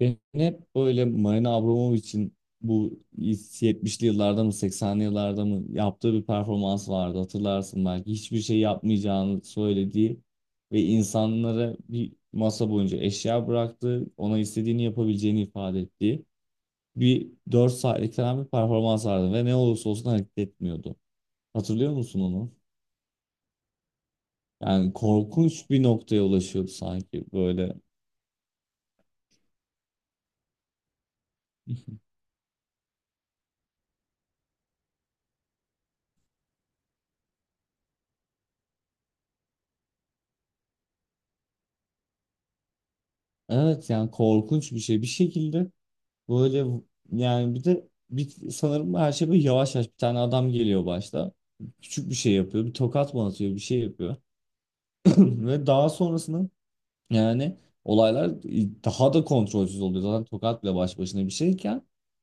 Ben hep böyle Marina Abramovich'in bu 70'li yıllarda mı 80'li yıllarda mı yaptığı bir performans vardı, hatırlarsın belki. Hiçbir şey yapmayacağını söylediği ve insanlara bir masa boyunca eşya bıraktı. Ona istediğini yapabileceğini ifade ettiği bir 4 saatlik falan bir performans vardı ve ne olursa olsun hareket etmiyordu. Hatırlıyor musun onu? Yani korkunç bir noktaya ulaşıyordu sanki böyle. Evet, yani korkunç bir şey. Bir şekilde böyle, yani sanırım her şey böyle yavaş yavaş bir tane adam geliyor başta. Küçük bir şey yapıyor. Bir tokat mı atıyor, bir şey yapıyor. Ve daha sonrasında yani olaylar daha da kontrolsüz oluyor. Zaten tokat bile baş başına bir şeyken,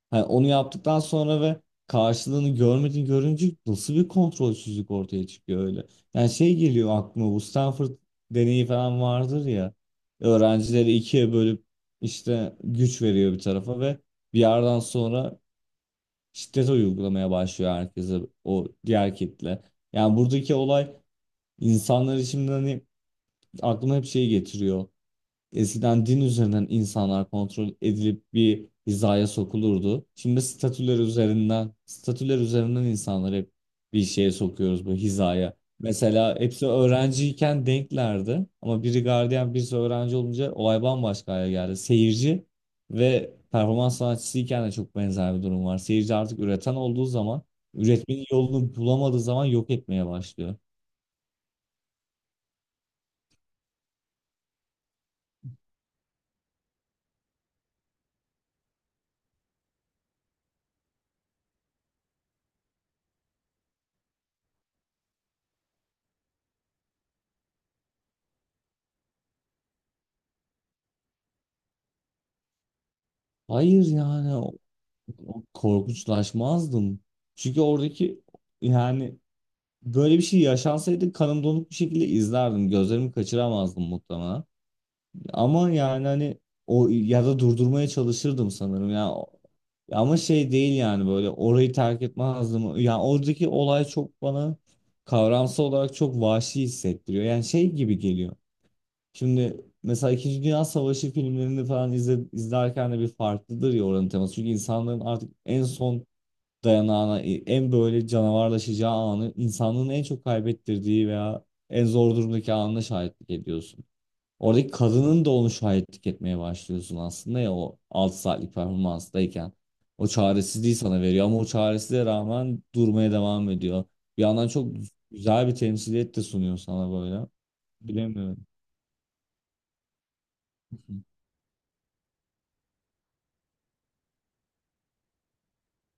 hani onu yaptıktan sonra ve karşılığını görmediğini görünce nasıl bir kontrolsüzlük ortaya çıkıyor öyle. Yani şey geliyor aklıma, bu Stanford deneyi falan vardır ya. Öğrencileri ikiye bölüp işte güç veriyor bir tarafa ve bir yerden sonra şiddet uygulamaya başlıyor herkese o diğer kitle. Yani buradaki olay insanlar için, hani aklıma hep şey getiriyor. Eskiden din üzerinden insanlar kontrol edilip bir hizaya sokulurdu. Şimdi statüler üzerinden, statüler üzerinden insanları hep bir şeye sokuyoruz, bu hizaya. Mesela hepsi öğrenciyken denklerdi ama biri gardiyan birisi öğrenci olunca olay bambaşka hale geldi. Seyirci ve performans sanatçısıyken de çok benzer bir durum var. Seyirci artık üreten olduğu zaman, üretmenin yolunu bulamadığı zaman yok etmeye başlıyor. Hayır, yani korkunçlaşmazdım. Çünkü oradaki, yani böyle bir şey yaşansaydı kanım donuk bir şekilde izlerdim. Gözlerimi kaçıramazdım muhtemelen. Ama yani hani o, ya da durdurmaya çalışırdım sanırım. Ya ama şey değil, yani böyle orayı terk etmezdim. Yani oradaki olay çok bana kavramsal olarak çok vahşi hissettiriyor. Yani şey gibi geliyor. Şimdi mesela İkinci Dünya Savaşı filmlerini falan izlerken de bir farklıdır ya oranın teması. Çünkü insanların artık en son dayanağına, en böyle canavarlaşacağı anı, insanlığın en çok kaybettirdiği veya en zor durumdaki anına şahitlik ediyorsun. Oradaki kadının da onu şahitlik etmeye başlıyorsun aslında ya, o 6 saatlik performanstayken. O çaresizliği sana veriyor ama o çaresizliğe rağmen durmaya devam ediyor. Bir yandan çok güzel bir temsiliyet de sunuyor sana böyle. Bilemiyorum.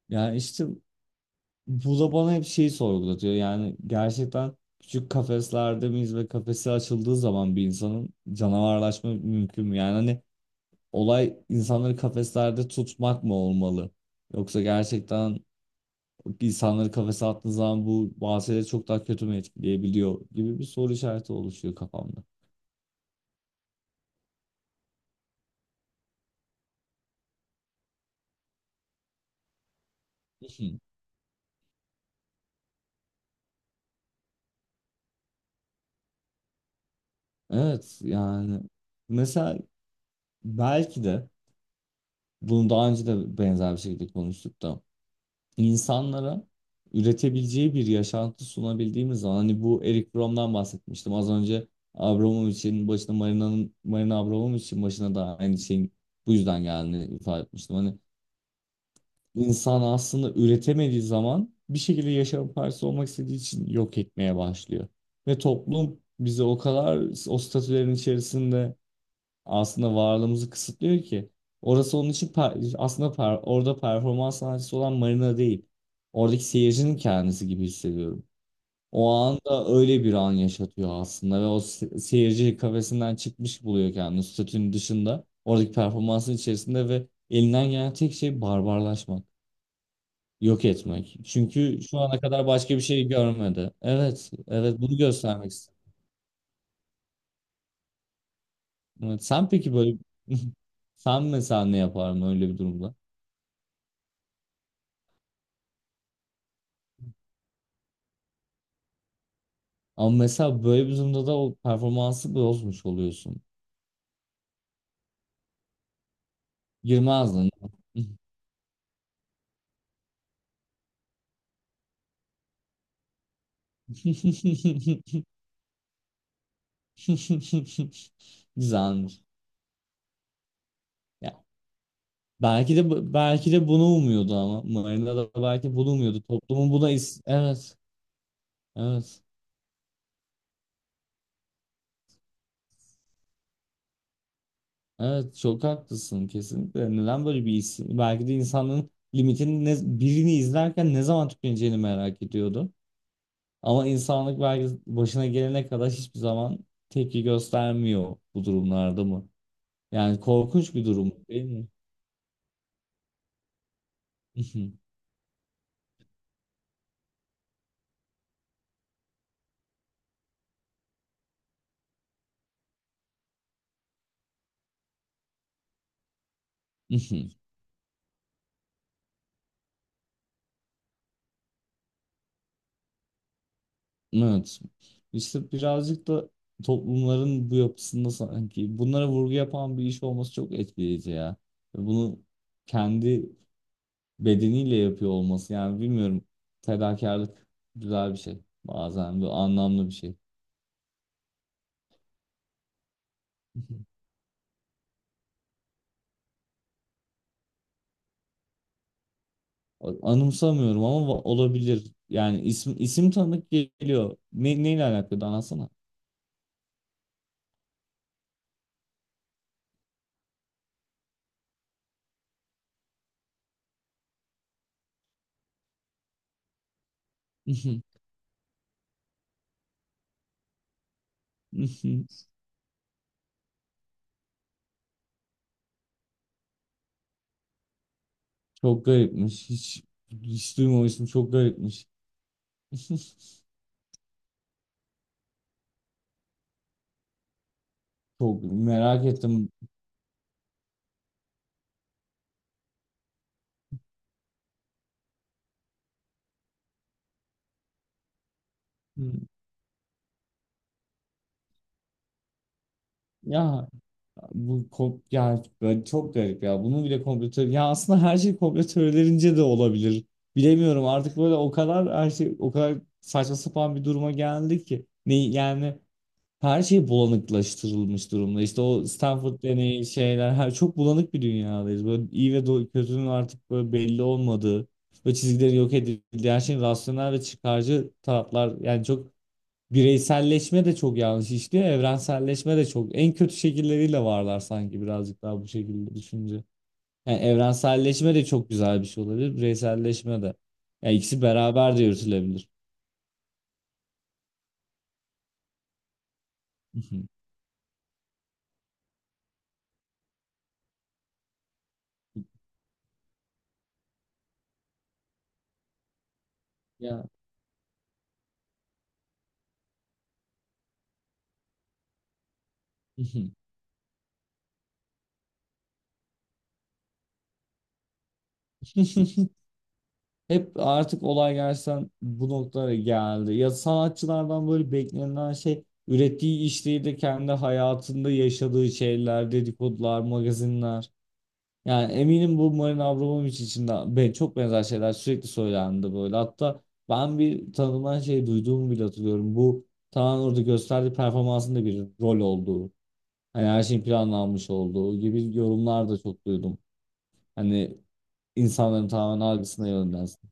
Yani işte bu da bana hep şeyi sorgulatıyor. Yani gerçekten küçük kafeslerde miyiz ve kafesi açıldığı zaman bir insanın canavarlaşma mümkün mü? Yani hani olay insanları kafeslerde tutmak mı olmalı? Yoksa gerçekten insanları kafese attığın zaman bu bahsede çok daha kötü mü etkileyebiliyor gibi bir soru işareti oluşuyor kafamda. Evet, yani mesela belki de bunu daha önce de benzer bir şekilde konuştuk da, insanlara üretebileceği bir yaşantı sunabildiğimiz zaman, hani bu Eric Fromm'dan bahsetmiştim az önce, Abramovich'in başına, Marina'nın, Marina Abramovich'in başına da aynı şeyin bu yüzden geldiğini ifade etmiştim. Hani insan aslında üretemediği zaman bir şekilde yaşamın parçası olmak istediği için yok etmeye başlıyor. Ve toplum bizi o kadar o statülerin içerisinde aslında varlığımızı kısıtlıyor ki. Orası onun için orada performans sanatçısı olan Marina değil. Oradaki seyircinin kendisi gibi hissediyorum. O anda öyle bir an yaşatıyor aslında ve o seyirci kafesinden çıkmış buluyor kendini, statünün dışında. Oradaki performansın içerisinde ve elinden gelen tek şey barbarlaşmak, yok etmek. Çünkü şu ana kadar başka bir şey görmedi. Evet, evet bunu göstermek istedim. Evet, sen peki böyle, sen mesela ne yapardın öyle bir durumda? Ama mesela böyle bir durumda da o performansı bozmuş oluyorsun. Girmezdin. Güzelmiş. Ya, belki de bunu umuyordu, ama Marina da belki bunu umuyordu. Toplumun buna, is evet. Evet. Evet, çok haklısın kesinlikle. Neden böyle bir isim? Belki de insanın limitini, birini izlerken ne zaman tükeneceğini merak ediyordu. Ama insanlık belki başına gelene kadar hiçbir zaman tepki göstermiyor bu durumlarda mı? Yani korkunç bir durum değil mi? Evet. İşte birazcık da toplumların bu yapısında sanki bunlara vurgu yapan bir iş olması çok etkileyici ya. Ve bunu kendi bedeniyle yapıyor olması, yani bilmiyorum. Fedakarlık güzel bir şey. Bazen bu anlamlı bir şey. Anımsamıyorum ama olabilir. Yani isim isim tanıdık geliyor. Neyle alakalı anlatsana. Çok garipmiş. Hiç duymamıştım. Çok garipmiş. Çok merak ettim. Hmm. Ya ya böyle çok garip ya. Bunu bile ya aslında her şey komplo teorilerince de olabilir. Bilemiyorum artık, böyle o kadar her şey o kadar saçma sapan bir duruma geldi ki. Ne yani, her şey bulanıklaştırılmış durumda. İşte o Stanford deneyi, şeyler, her, çok bulanık bir dünyadayız. Böyle iyi ve kötünün artık böyle belli olmadığı ve çizgileri yok edildiği, her şeyin rasyonel ve çıkarcı taraflar, yani çok bireyselleşme de çok yanlış işliyor. Evrenselleşme de çok en kötü şekilleriyle varlar sanki, birazcık daha bu şekilde düşünce. Yani evrenselleşme de çok güzel bir şey olabilir. Bireyselleşme de. Yani ikisi beraber de yürütülebilir. Ya. Hep artık olay gerçekten bu noktalara geldi. Ya sanatçılardan böyle beklenen şey ürettiği iş değil de kendi hayatında yaşadığı şeyler, dedikodular, magazinler. Yani eminim bu Marina Abramovic için de ben, çok benzer şeyler sürekli söylendi böyle. Hatta ben bir tanımayan şey duyduğumu bile hatırlıyorum. Bu tamamen orada gösterdiği performansın da bir rol olduğu. Hani her şeyin planlanmış olduğu gibi yorumlar da çok duydum. Hani insanların tamamen algısına yönlensin.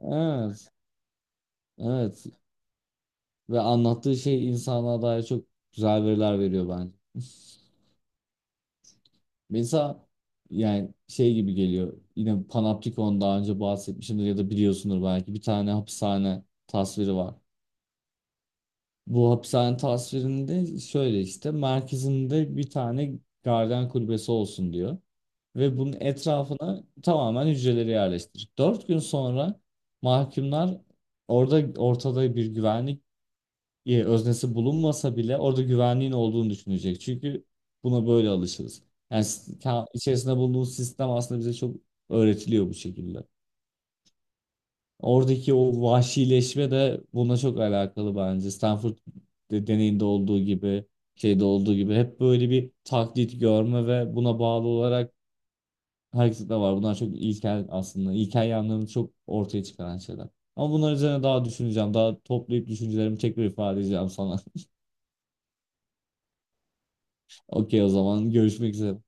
Evet, evet. Ve anlattığı şey insana dair çok güzel veriler veriyor bence. Mesela yani şey gibi geliyor. Yine Panoptikon'dan daha önce bahsetmişimdir ya da biliyorsundur belki. Bir tane hapishane tasviri var. Bu hapishane tasvirinde şöyle, işte merkezinde bir tane garden kulübesi olsun diyor. Ve bunun etrafına tamamen hücreleri yerleştirir. Dört gün sonra mahkumlar orada, ortada bir güvenlik öznesi bulunmasa bile orada güvenliğin olduğunu düşünecek. Çünkü buna böyle alışırız. Yani içerisinde bulunduğumuz sistem aslında bize çok öğretiliyor bu şekilde. Oradaki o vahşileşme de buna çok alakalı bence. Stanford deneyinde olduğu gibi, şeyde olduğu gibi hep böyle bir taklit görme ve buna bağlı olarak hareket var. Bunlar çok ilkel aslında. İlkel yanlarını çok ortaya çıkaran şeyler. Ama bunlar üzerine daha düşüneceğim. Daha toplayıp düşüncelerimi tekrar ifade edeceğim sana. Okey, o zaman görüşmek üzere.